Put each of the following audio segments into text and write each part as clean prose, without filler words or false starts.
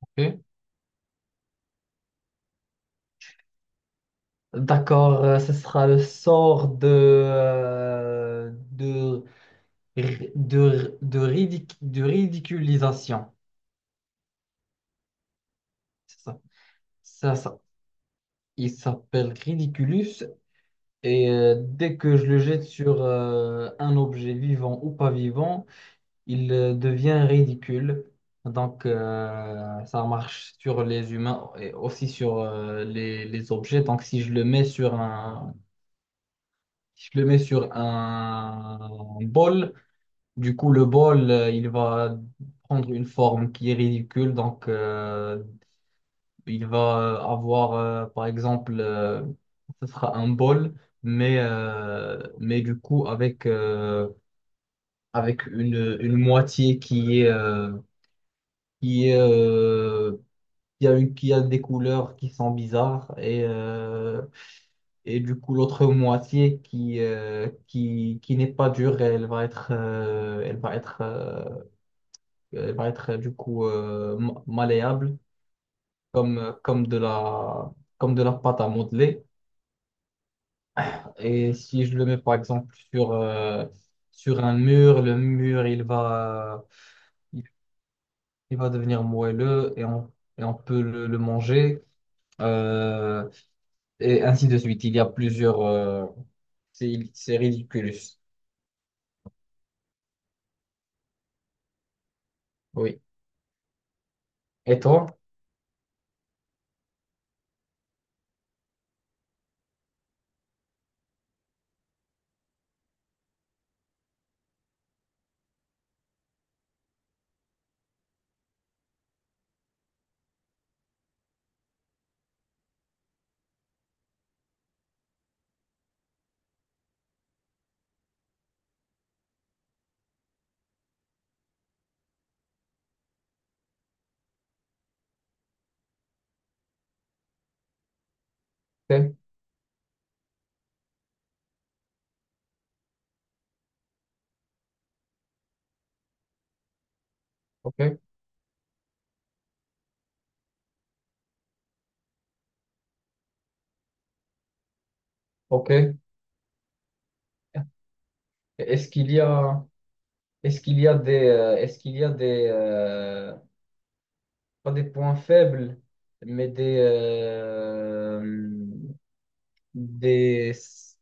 Ok. D'accord, ce sera le sort de, de ridiculisation. C'est ça. Ça, ça. Il s'appelle Ridiculus et dès que je le jette sur un objet vivant ou pas vivant, il devient ridicule. Donc ça marche sur les humains et aussi sur les objets. Donc si je le mets sur un, si je le mets sur un bol, du coup, le bol, il va prendre une forme qui est ridicule. Donc, il va avoir, par exemple, ce sera un bol, mais, mais du coup, avec, avec une moitié qui est, qui est, qui a une, qui a des couleurs qui sont bizarres et du coup, l'autre moitié qui n'est pas dure, elle va être, elle va être, Elle va être du coup malléable comme, euh, comme de la, comme de la pâte à modeler. Et si je le mets par exemple sur, sur un mur, le mur il, il va devenir moelleux et et on peut le manger. Euh, et ainsi de suite. Il y a plusieurs. C'est ridiculous. Oui. Et toi? Ok, ok, ok. Est-ce qu'il y a, est-ce qu'il y a des, est-ce qu'il y a des, pas des points faibles, mais des, des,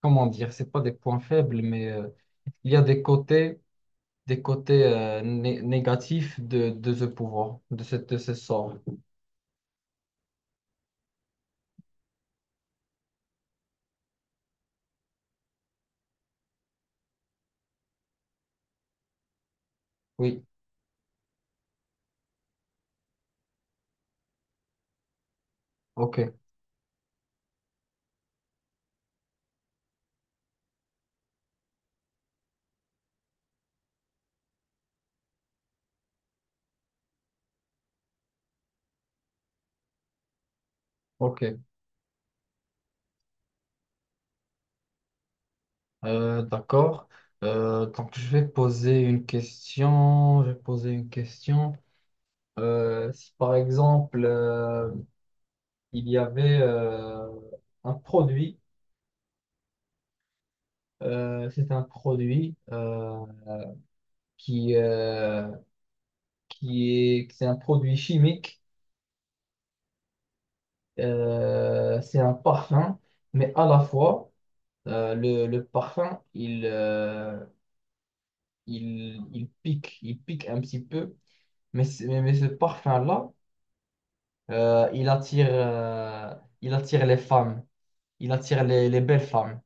comment dire, c'est pas des points faibles, mais il y a des côtés négatifs de ce pouvoir, de ce sort. Oui, ok, ok. D'accord. Je vais poser une question. Si par exemple il y avait un produit c'est un produit. Qui, euh, qui est, c'est un produit chimique, c'est un parfum, mais à la fois, le parfum, il pique un petit peu, mais, mais ce parfum-là, euh, il attire, euh, il attire les femmes, il attire les belles femmes.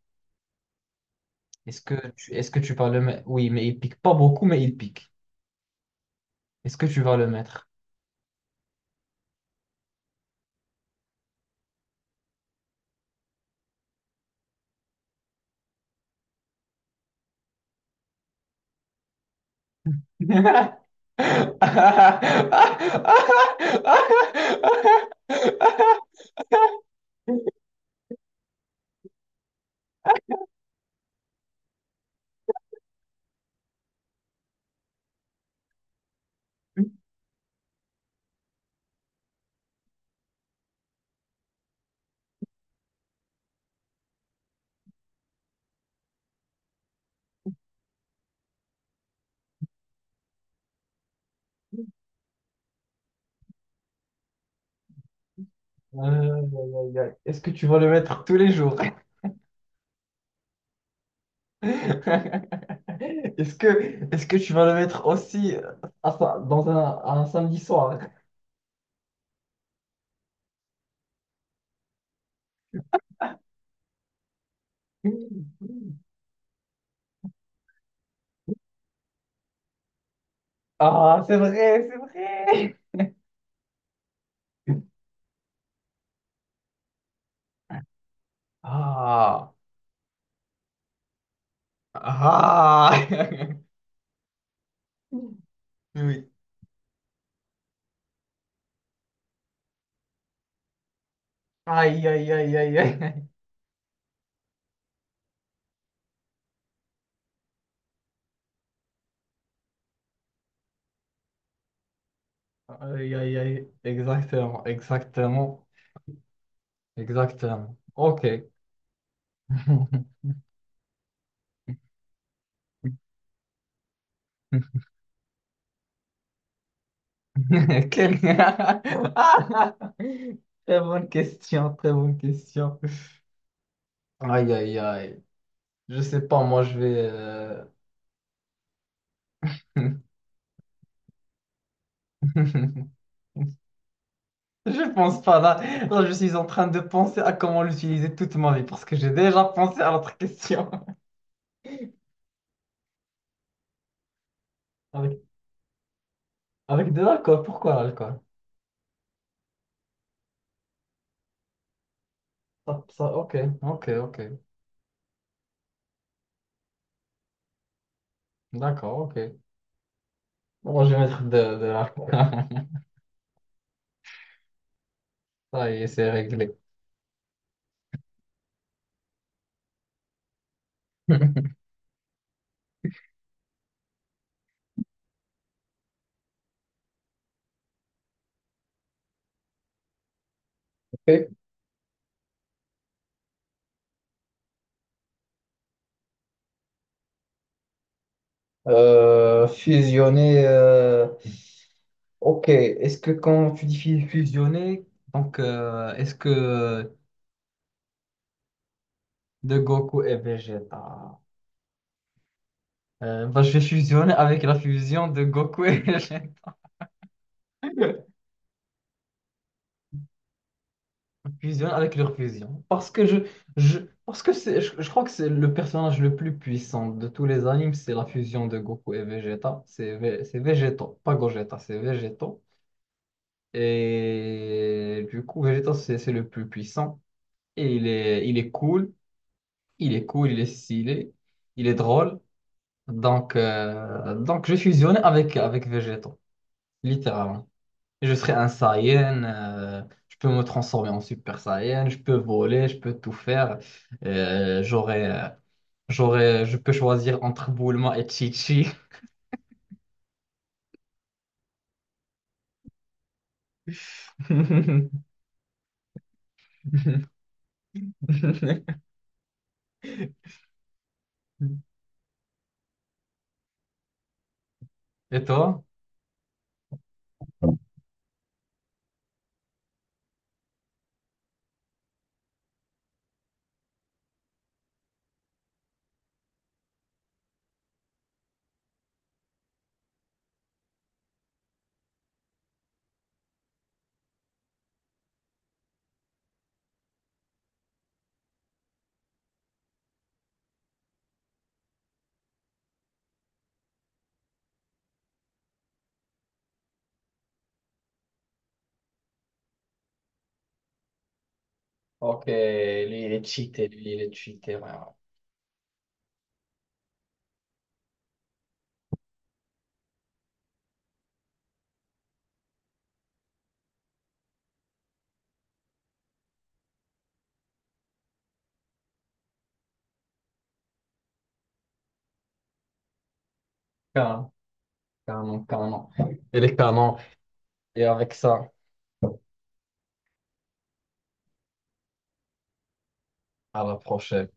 Est-ce que tu vas le mettre? Oui, mais il pique pas beaucoup, mais il pique. Est-ce que tu vas le mettre? Aïe, aïe, aïe. Est-ce que tu vas le mettre tous les jours? Est-ce que, est-ce que tu vas le mettre aussi à sa- dans un, à un samedi soir? Ah, c'est vrai, c'est vrai. Ah, ah. Oui. Aïe, aïe, aïe, aïe, aïe. Aïe, aïe, aïe. Exactement, exactement. Exactement. OK. Quelle... Ah. Très bonne question, très bonne question. Aïe, aïe, aïe. Je sais pas, moi, je vais... Je pense pas, là. Là, je suis en train de penser à comment l'utiliser toute ma vie, parce que j'ai déjà pensé à l'autre question. Avec, avec de l'alcool, pourquoi l'alcool? Ça, ok, ok, ok. D'accord, ok. Bon, je vais mettre de l'alcool. Ça y est, c'est réglé. Fusionner. Ok, est-ce que quand tu dis fusionner, donc est-ce que de Goku et Vegeta, bah, je vais fusionner avec la fusion de Goku et Vegeta. Fusionner avec leur fusion. Je parce que c'est, je crois que c'est le personnage le plus puissant de tous les animes, c'est la fusion de Goku et Vegeta. C'est Vegeto, pas Gogeta, c'est Vegeto. Et du coup, Vegeta, c'est le plus puissant. Et il est cool, il est cool, il est stylé, il est drôle. Donc je fusionne avec, avec Végéto, littéralement. Je serai un Saiyan, je peux me transformer en Super Saiyan, je peux voler, je peux tout faire. Euh, j'aurai, euh, J'aurai, je peux choisir entre Bulma et Chi-Chi. Et toi? Ok, lui il est cheaté, lui il est cheaté, ouais. Ouais. Canon, canon, canon. Il est canon, et avec ça. À la prochaine.